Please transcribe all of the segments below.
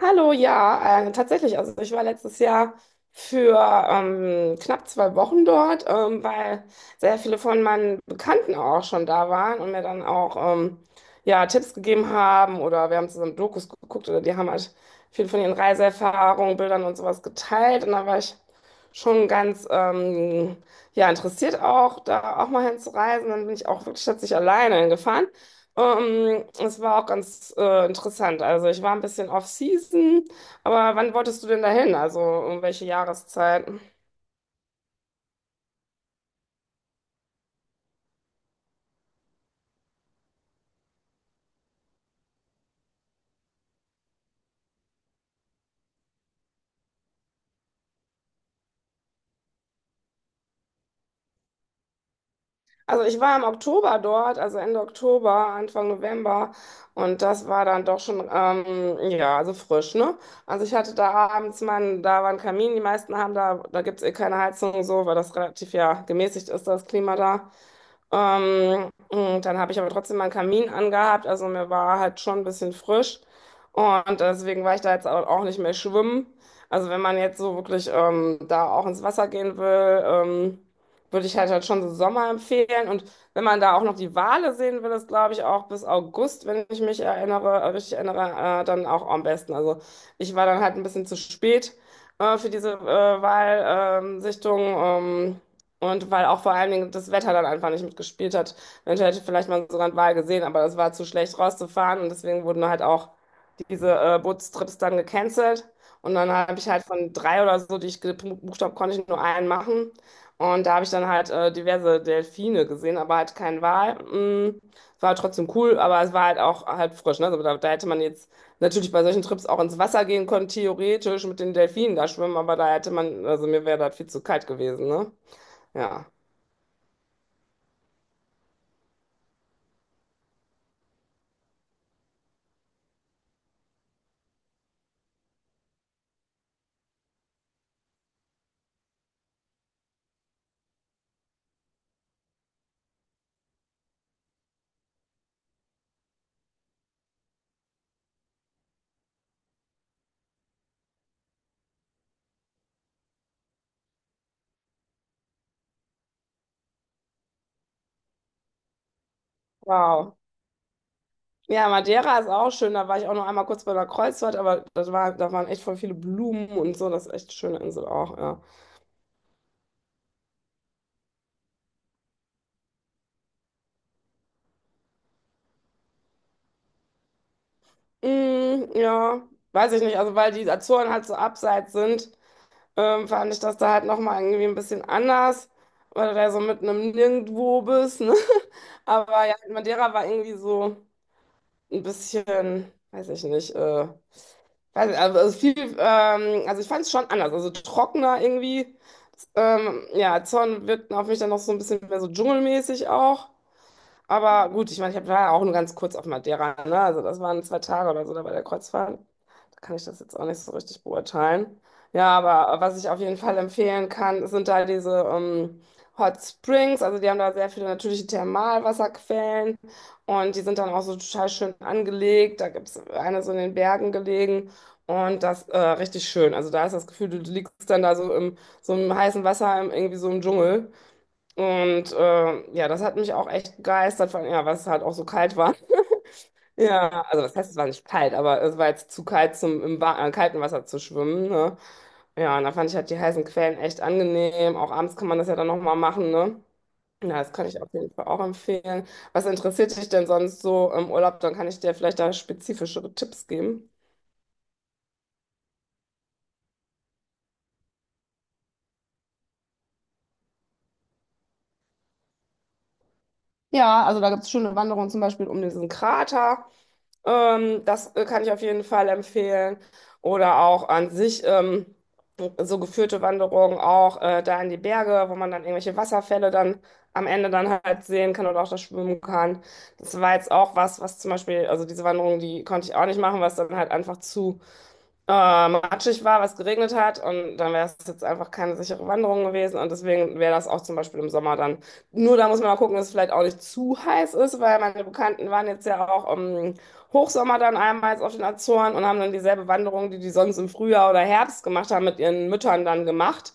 Hallo, ja, tatsächlich. Also ich war letztes Jahr für knapp 2 Wochen dort, weil sehr viele von meinen Bekannten auch schon da waren und mir dann auch ja, Tipps gegeben haben oder wir haben zusammen Dokus geguckt oder die haben halt viel von ihren Reiseerfahrungen, Bildern und sowas geteilt. Und da war ich schon ganz ja, interessiert auch, da auch mal hinzureisen. Dann bin ich auch wirklich tatsächlich alleine hingefahren. Es war auch ganz interessant. Also ich war ein bisschen off-season, aber wann wolltest du denn dahin? Also um welche Jahreszeit? Also ich war im Oktober dort, also Ende Oktober, Anfang November, und das war dann doch schon, ja, also frisch, ne? Also ich hatte da abends meinen, da war ein Kamin, die meisten haben da, da gibt's eh keine Heizung und so, weil das relativ ja gemäßigt ist, das Klima da. Und dann habe ich aber trotzdem meinen Kamin angehabt, also mir war halt schon ein bisschen frisch. Und deswegen war ich da jetzt auch nicht mehr schwimmen. Also wenn man jetzt so wirklich da auch ins Wasser gehen will, würde ich halt schon so Sommer empfehlen. Und wenn man da auch noch die Wale sehen will, ist, glaube ich, auch bis August, wenn ich mich richtig erinnere, dann auch am besten. Also ich war dann halt ein bisschen zu spät für diese Walsichtung. Und weil auch vor allen Dingen das Wetter dann einfach nicht mitgespielt hat. Eventuell hätte ich vielleicht mal sogar einen Wal gesehen, aber das war zu schlecht rauszufahren. Und deswegen wurden halt auch diese Bootstrips dann gecancelt. Und dann habe ich halt von drei oder so, die ich gebucht habe, konnte ich nur einen machen. Und da habe ich dann halt diverse Delfine gesehen, aber halt kein Wal. War halt trotzdem cool, aber es war halt auch halt frisch. Ne? Also da, da hätte man jetzt natürlich bei solchen Trips auch ins Wasser gehen können, theoretisch mit den Delfinen da schwimmen, aber da hätte man, also mir wäre das viel zu kalt gewesen, ne? Ja. Wow. Ja, Madeira ist auch schön. Da war ich auch noch einmal kurz bei der Kreuzfahrt, aber das war, da waren echt voll viele Blumen und so. Das ist echt eine schöne Insel auch, ja. Mm, ja, weiß ich nicht. Also weil die Azoren halt so abseits sind, fand ich das da halt nochmal irgendwie ein bisschen anders, weil du da so mitten im Nirgendwo bist, ne? Aber ja, halt Madeira war irgendwie so ein bisschen, weiß ich nicht, weiß ich, also viel, also ich fand es schon anders, also trockener irgendwie. Ja, Zorn wirkt auf mich dann noch so ein bisschen mehr so dschungelmäßig auch. Aber gut, ich meine, ich war ja auch nur ganz kurz auf Madeira, ne? Also das waren 2 Tage oder so da bei der Kreuzfahrt. Da kann ich das jetzt auch nicht so richtig beurteilen. Ja, aber was ich auf jeden Fall empfehlen kann, sind da diese Hot Springs. Also die haben da sehr viele natürliche Thermalwasserquellen, und die sind dann auch so total schön angelegt. Da gibt es eine so in den Bergen gelegen. Und das richtig schön. Also da ist das Gefühl, du liegst dann da so im heißen Wasser, im, irgendwie so im Dschungel. Und ja, das hat mich auch echt begeistert, vor allem, ja, weil es halt auch so kalt war. Ja, also das heißt, es war nicht kalt, aber es war jetzt zu kalt, zum kalten Wasser zu schwimmen, ne? Ja, und da fand ich halt die heißen Quellen echt angenehm. Auch abends kann man das ja dann nochmal machen, ne? Ja, das kann ich auf jeden Fall auch empfehlen. Was interessiert dich denn sonst so im Urlaub? Dann kann ich dir vielleicht da spezifischere Tipps geben. Ja, also da gibt es schöne Wanderungen zum Beispiel um diesen Krater. Das kann ich auf jeden Fall empfehlen. Oder auch an sich so geführte Wanderungen auch da in die Berge, wo man dann irgendwelche Wasserfälle dann am Ende dann halt sehen kann oder auch da schwimmen kann. Das war jetzt auch was, was zum Beispiel, also diese Wanderung, die konnte ich auch nicht machen, was dann halt einfach zu matschig war, was geregnet hat, und dann wäre es jetzt einfach keine sichere Wanderung gewesen, und deswegen wäre das auch zum Beispiel im Sommer dann. Nur da muss man mal gucken, dass es vielleicht auch nicht zu heiß ist, weil meine Bekannten waren jetzt ja auch im Hochsommer dann einmal jetzt auf den Azoren und haben dann dieselbe Wanderung, die die sonst im Frühjahr oder Herbst gemacht haben, mit ihren Müttern dann gemacht.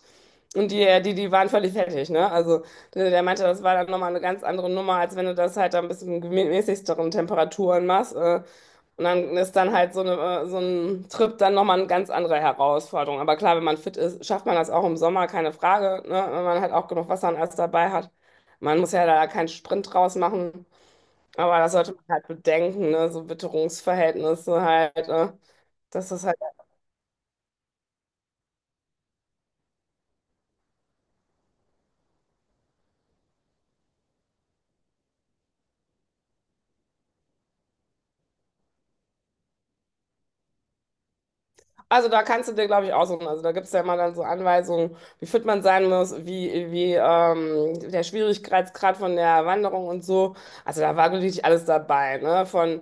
Und die waren völlig fertig, ne? Also der meinte, das war dann nochmal eine ganz andere Nummer, als wenn du das halt dann ein bisschen gemäßigteren Temperaturen machst. Und dann ist dann halt so eine, so ein Trip dann nochmal eine ganz andere Herausforderung. Aber klar, wenn man fit ist, schafft man das auch im Sommer, keine Frage, ne? Wenn man halt auch genug Wasser und alles dabei hat. Man muss ja da keinen Sprint draus machen. Aber das sollte man halt bedenken, ne? So Witterungsverhältnisse halt. Dass das Also da kannst du dir, glaube ich, aussuchen. Also da gibt es ja immer dann so Anweisungen, wie fit man sein muss, wie, wie der Schwierigkeitsgrad von der Wanderung und so. Also da war wirklich alles dabei, ne? Von,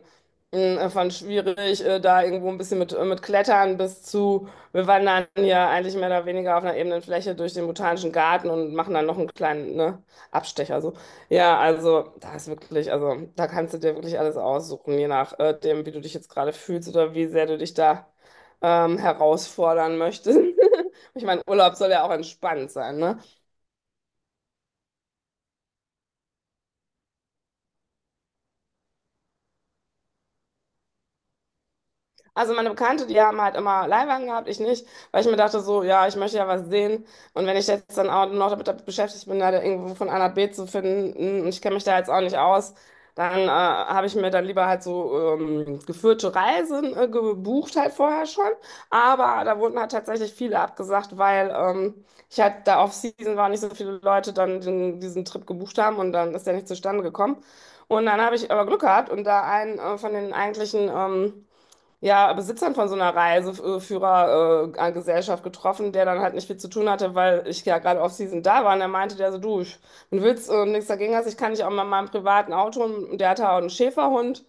mh, von schwierig, da irgendwo ein bisschen mit Klettern bis zu, wir wandern hier eigentlich mehr oder weniger auf einer ebenen Fläche durch den Botanischen Garten und machen dann noch einen kleinen, ne, Abstecher. So. Ja, also da ist wirklich, also da kannst du dir wirklich alles aussuchen, je nachdem, wie du dich jetzt gerade fühlst oder wie sehr du dich da herausfordern möchte. Ich meine, Urlaub soll ja auch entspannt sein, ne? Also meine Bekannte, die haben halt immer Leihwagen gehabt, ich nicht, weil ich mir dachte so, ja, ich möchte ja was sehen. Und wenn ich jetzt dann auch noch damit beschäftigt bin, da irgendwo von A nach B zu finden, und ich kenne mich da jetzt auch nicht aus, dann habe ich mir dann lieber halt so geführte Reisen gebucht halt vorher schon. Aber da wurden halt tatsächlich viele abgesagt, weil ich halt da off-season war und nicht so viele Leute dann diesen Trip gebucht haben und dann ist der nicht zustande gekommen. Und dann habe ich aber Glück gehabt und da einen von den eigentlichen... ja, Besitzern von so einer Reiseführergesellschaft getroffen, der dann halt nicht viel zu tun hatte, weil ich ja gerade Off-Season da war. Und er meinte der so, du, wenn du willst und nichts dagegen hast, ich kann dich auch mal in meinem privaten Auto, und der hatte auch einen Schäferhund.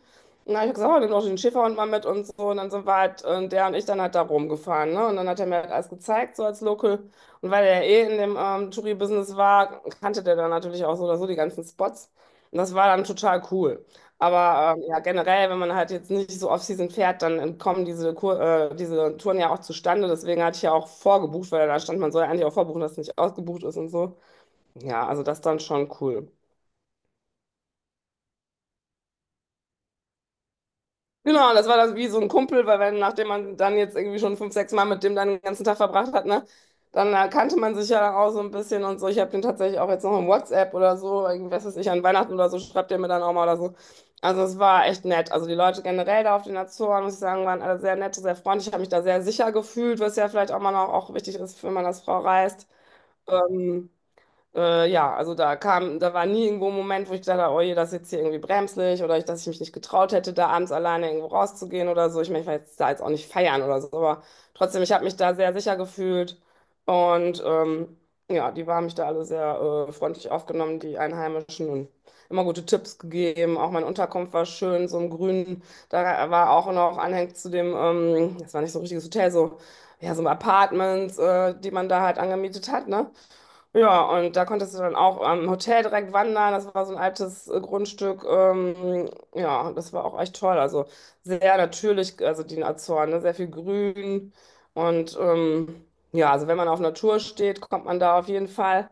Und dann habe ich gesagt, oh, nimm doch den Schäferhund mal mit und so. Und dann sind wir halt, der und ich dann halt da rumgefahren. Ne? Und dann hat er mir halt alles gezeigt, so als Local. Und weil er eh in dem Touri-Business war, kannte der dann natürlich auch so oder so die ganzen Spots. Und das war dann total cool. Aber ja, generell, wenn man halt jetzt nicht so Off-Season fährt, dann kommen diese Touren ja auch zustande. Deswegen hatte ich ja auch vorgebucht, weil da stand, man soll ja eigentlich auch vorbuchen, dass es nicht ausgebucht ist und so. Ja, also das ist dann schon cool. Genau, das war das wie so ein Kumpel, weil wenn, nachdem man dann jetzt irgendwie schon fünf, sechs Mal mit dem dann den ganzen Tag verbracht hat, ne, dann kannte man sich ja auch so ein bisschen und so. Ich habe den tatsächlich auch jetzt noch im WhatsApp oder so, irgendwie, was weiß ich, an Weihnachten oder so, schreibt der mir dann auch mal oder so. Also es war echt nett. Also die Leute generell da auf den Azoren, muss ich sagen, waren alle sehr nett, sehr freundlich. Ich habe mich da sehr sicher gefühlt, was ja vielleicht auch mal noch auch wichtig ist, wenn man als Frau reist. Ähm, ja, also da kam, da war nie irgendwo ein Moment, wo ich gedacht habe, oh je, das ist jetzt hier irgendwie bremslich oder dass ich mich nicht getraut hätte, da abends alleine irgendwo rauszugehen oder so. Ich meine, ich war jetzt da jetzt auch nicht feiern oder so, aber trotzdem, ich habe mich da sehr sicher gefühlt, und ja, die haben mich da alle sehr freundlich aufgenommen, die Einheimischen, und immer gute Tipps gegeben. Auch meine Unterkunft war schön, so im Grünen. Da war auch noch anhängt zu dem, das war nicht so ein richtiges Hotel, so, ja, so Apartments, die man da halt angemietet hat, ne? Ja, und da konntest du dann auch am Hotel direkt wandern. Das war so ein altes Grundstück. Ja, das war auch echt toll. Also sehr natürlich, also die Azoren, ne? Sehr viel Grün. Und ja, also wenn man auf Natur steht, kommt man da auf jeden Fall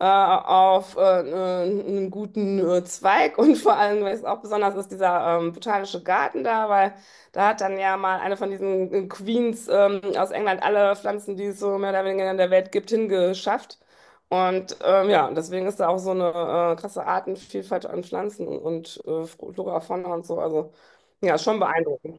auf einen guten Zweig und vor allem, was auch besonders ist, dieser botanische Garten da, weil da hat dann ja mal eine von diesen Queens aus England alle Pflanzen, die es so mehr oder weniger in der Welt gibt, hingeschafft. Und ja, deswegen ist da auch so eine krasse Artenvielfalt an Pflanzen und Flora, Fauna und so. Also ja, ist schon beeindruckend.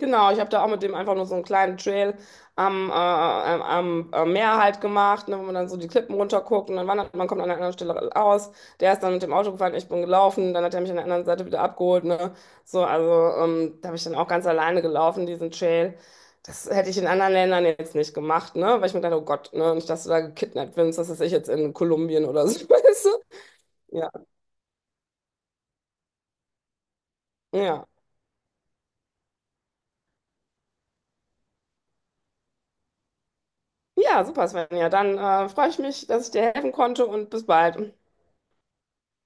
Genau, ich habe da auch mit dem einfach nur so einen kleinen Trail am Meer halt gemacht, ne, wo man dann so die Klippen runterguckt und dann wandert man, kommt an einer anderen Stelle aus. Der ist dann mit dem Auto gefahren, ich bin gelaufen, dann hat er mich an der anderen Seite wieder abgeholt. Ne? So, also da habe ich dann auch ganz alleine gelaufen, diesen Trail. Das hätte ich in anderen Ländern jetzt nicht gemacht, ne? Weil ich mir dachte, oh Gott, ne? Nicht, dass du da gekidnappt wirst, das ist ich jetzt in Kolumbien oder so, weißt du? Ja, ja. Ja, super, Svenja. Dann freue ich mich, dass ich dir helfen konnte, und bis bald.